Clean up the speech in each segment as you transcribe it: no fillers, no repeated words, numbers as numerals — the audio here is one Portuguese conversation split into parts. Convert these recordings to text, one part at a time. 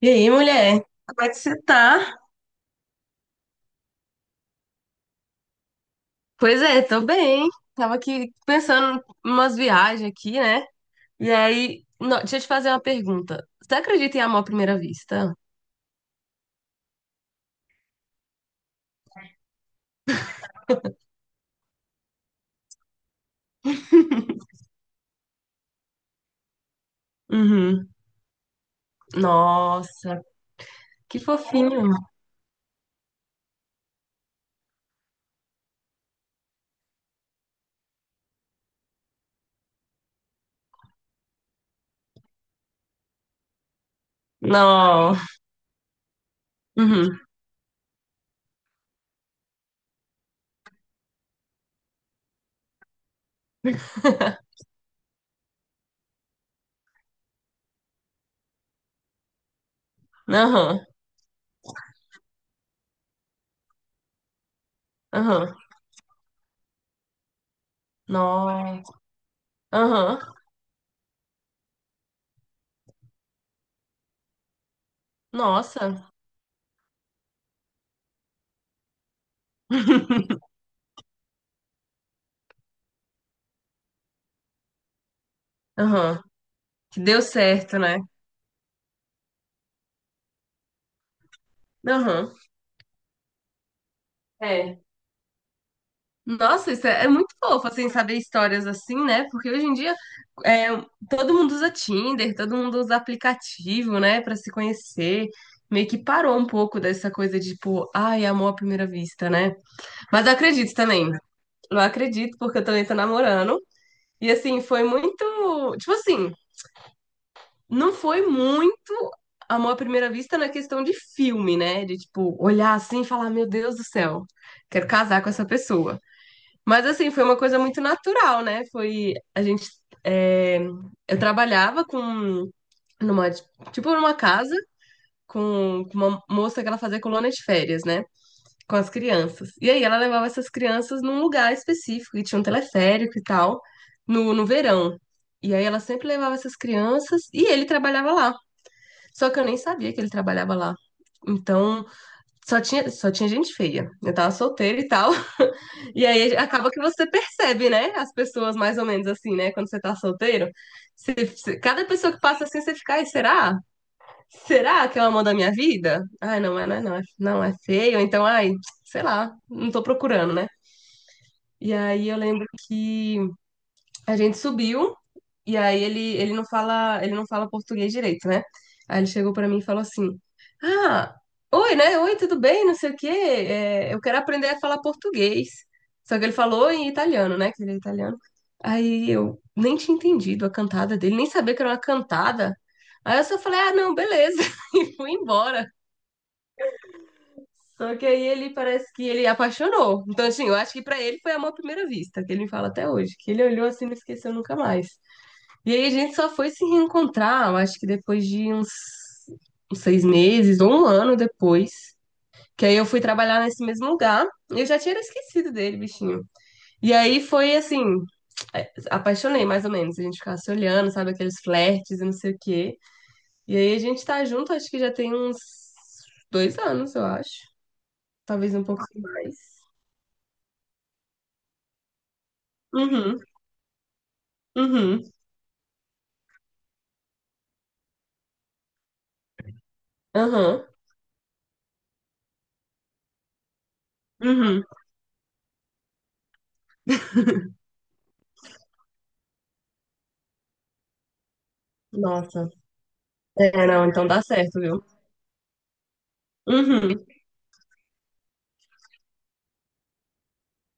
E aí, mulher? Como é que você tá? Pois é, tô bem. Tava aqui pensando em umas viagens aqui, né? E aí, deixa eu te fazer uma pergunta. Você acredita em amor à primeira vista? Uhum. Nossa, que fofinho. Não. Uhum. Aham. Aham. Nossa. Aham. Nossa. Aham. Que deu certo, né? Aham. É. Nossa, isso é muito fofo, assim, saber histórias assim, né? Porque hoje em dia é, todo mundo usa Tinder, todo mundo usa aplicativo, né, pra se conhecer. Meio que parou um pouco dessa coisa de, tipo, ai, amor à primeira vista, né? Mas eu acredito também. Eu acredito, porque eu também tô namorando. E, assim, foi muito. Tipo assim, não foi muito amor à primeira vista na questão de filme, né? De, tipo, olhar assim e falar, meu Deus do céu, quero casar com essa pessoa. Mas assim, foi uma coisa muito natural, né? Foi a gente é, eu trabalhava com numa tipo numa casa com uma moça que ela fazia colônia de férias, né? Com as crianças. E aí ela levava essas crianças num lugar específico e tinha um teleférico e tal no verão. E aí ela sempre levava essas crianças e ele trabalhava lá. Só que eu nem sabia que ele trabalhava lá. Então, só tinha gente feia. Eu tava solteira e tal. E aí acaba que você percebe, né? As pessoas mais ou menos assim, né? Quando você tá solteiro. Cada pessoa que passa assim, você fica, ai, será? Será que é o amor da minha vida? Ai, não, é, não, é, não, é, não é feio. Então, ai, sei lá, não tô procurando, né? E aí eu lembro que a gente subiu e aí ele não fala português direito, né? Aí ele chegou pra mim e falou assim: "Ah, oi, né? Oi, tudo bem? Não sei o quê. É, eu quero aprender a falar português". Só que ele falou em italiano, né? Que ele é italiano. Aí eu nem tinha entendido a cantada dele, nem sabia que era uma cantada. Aí eu só falei: "Ah, não, beleza". E fui embora. Só que aí ele parece que ele apaixonou. Então, assim, eu acho que pra ele foi amor à primeira vista, que ele me fala até hoje, que ele olhou assim e não esqueceu nunca mais. E aí a gente só foi se reencontrar, eu acho que depois de uns 6 meses ou um ano depois. Que aí eu fui trabalhar nesse mesmo lugar. Eu já tinha esquecido dele, bichinho. E aí foi assim, apaixonei mais ou menos. A gente ficava se olhando, sabe, aqueles flertes e não sei o quê. E aí a gente tá junto, acho que já tem uns 2 anos, eu acho. Talvez um pouco mais. Uhum, uhum, uhum, uhum. Nossa. É, não, então dá certo, viu? Uhum.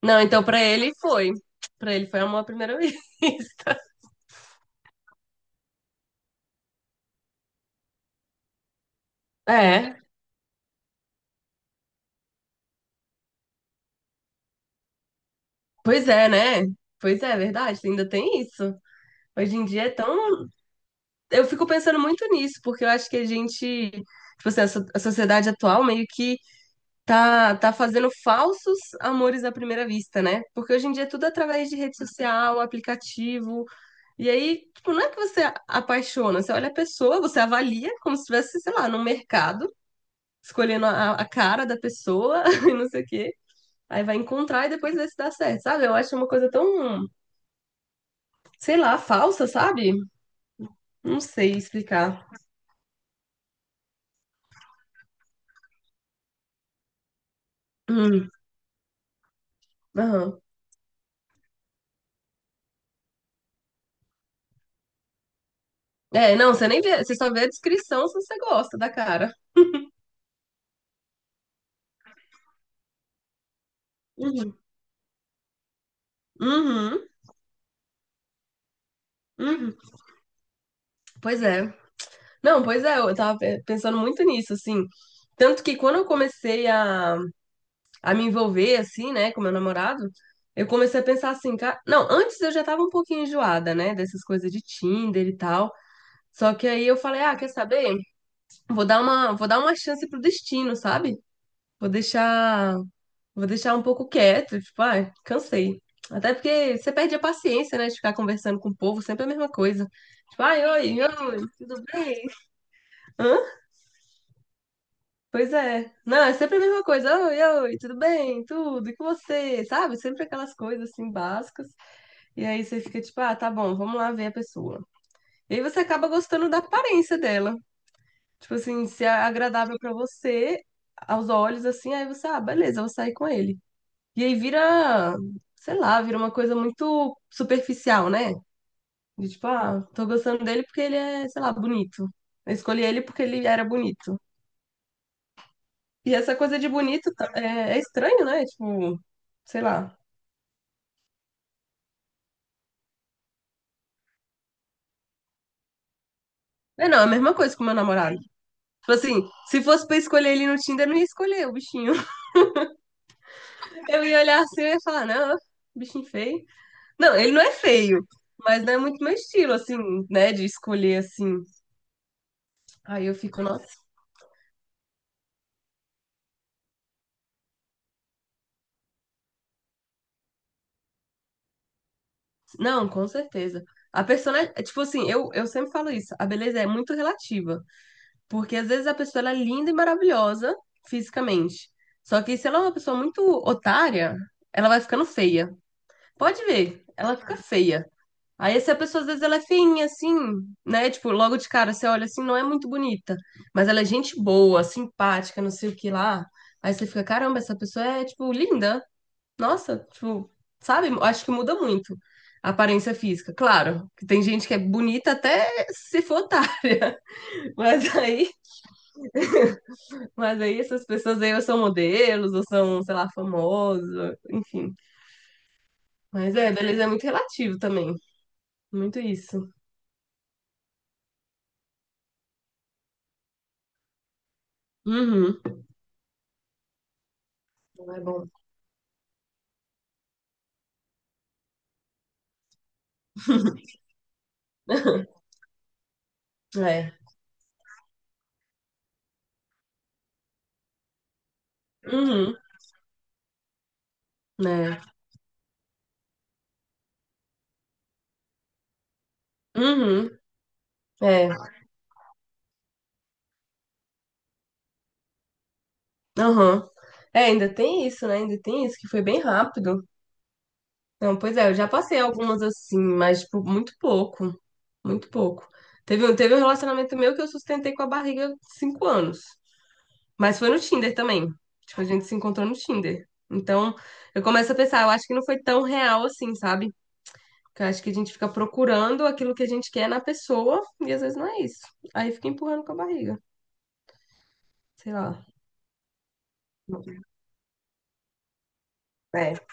Não, então pra ele foi. Pra ele foi amor à primeira vista. É, pois é, né? Pois é, é verdade, ainda tem isso. Hoje em dia é tão. Eu fico pensando muito nisso, porque eu acho que a gente, tipo assim, a sociedade atual meio que tá fazendo falsos amores à primeira vista, né? Porque hoje em dia é tudo através de rede social, aplicativo. E aí, tipo, não é que você apaixona, você olha a pessoa, você avalia como se estivesse, sei lá, num mercado, escolhendo a cara da pessoa e não sei o quê. Aí vai encontrar e depois vê se dá certo, sabe? Eu acho uma coisa tão, sei lá, falsa, sabe? Não sei explicar. Hum, aham. É, não, você nem vê, você só vê a descrição se você gosta da cara. Uhum, uhum, uhum. Pois é. Não, pois é, eu tava pensando muito nisso, assim. Tanto que quando eu comecei a me envolver, assim, né, com meu namorado, eu comecei a pensar assim, cara. Não, antes eu já tava um pouquinho enjoada, né, dessas coisas de Tinder e tal. Só que aí eu falei, ah, quer saber? Vou dar uma chance pro destino, sabe? Vou deixar, vou deixar um pouco quieto, tipo, ai, cansei. Até porque você perde a paciência, né, de ficar conversando com o povo, sempre a mesma coisa. Tipo, ai, oi, oi, tudo bem? Hã? Pois é. Não, é sempre a mesma coisa. Oi, oi, tudo bem? Tudo, e com você? Sabe? Sempre aquelas coisas assim básicas. E aí você fica tipo, ah, tá bom, vamos lá ver a pessoa. E aí você acaba gostando da aparência dela. Tipo assim, se é agradável pra você, aos olhos, assim, aí você, ah, beleza, eu vou sair com ele. E aí vira, sei lá, vira uma coisa muito superficial, né? De tipo, ah, tô gostando dele porque ele é, sei lá, bonito. Eu escolhi ele porque ele era bonito. E essa coisa de bonito é estranho, né? Tipo, sei lá. É, não, é a mesma coisa com o meu namorado. Tipo assim, se fosse pra escolher ele no Tinder, eu não ia escolher o bichinho. Eu ia olhar assim e ia falar, não, bichinho feio. Não, ele não é feio, mas não é muito meu estilo, assim, né? De escolher assim. Aí eu fico, nossa. Não, com certeza. A pessoa, é tipo assim, eu sempre falo isso, a beleza é muito relativa. Porque às vezes a pessoa ela é linda e maravilhosa fisicamente. Só que se ela é uma pessoa muito otária, ela vai ficando feia. Pode ver, ela fica feia. Aí essa pessoa, às vezes, ela é feinha, assim, né? Tipo, logo de cara, você olha assim, não é muito bonita. Mas ela é gente boa, simpática, não sei o que lá. Aí você fica, caramba, essa pessoa é, tipo, linda. Nossa, tipo, sabe? Acho que muda muito a aparência física. Claro, que tem gente que é bonita até se for otária. Mas aí, mas aí essas pessoas aí ou são modelos, ou são, sei lá, famosos, enfim. Mas é, beleza é muito relativo também. Muito isso. Uhum. Não é bom. É. Uhum, né? Uhum, é, aham. É, ainda tem isso, né? Ainda tem isso, que foi bem rápido. Não, pois é, eu já passei algumas assim, mas, tipo, muito pouco. Muito pouco. Teve um relacionamento meu que eu sustentei com a barriga 5 anos. Mas foi no Tinder também. Tipo, a gente se encontrou no Tinder. Então, eu começo a pensar, eu acho que não foi tão real assim, sabe? Porque eu acho que a gente fica procurando aquilo que a gente quer na pessoa e às vezes não é isso. Aí fica empurrando com a barriga. Sei lá. É.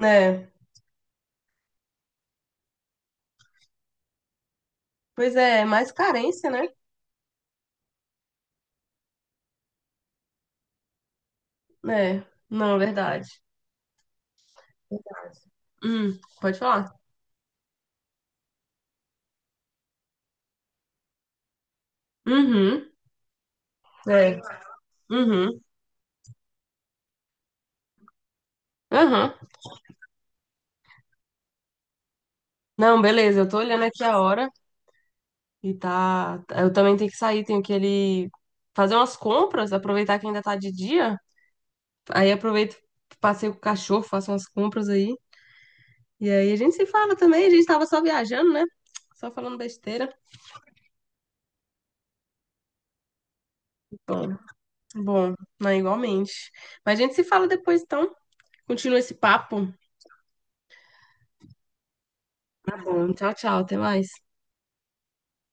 É. Pois é, é mais carência, né? É, não, é verdade. Pode falar. Uhum, é. Uhum, aham. Não, beleza, eu tô olhando aqui a hora e tá. Eu também tenho que sair, tenho que ele fazer umas compras, aproveitar que ainda tá de dia. Aí aproveito, passeio com o cachorro, faço umas compras aí. E aí a gente se fala também, a gente tava só viajando, né? Só falando besteira. Bom, bom, não, igualmente. Mas a gente se fala depois, então. Continua esse papo. Bom, tchau, tchau, até mais.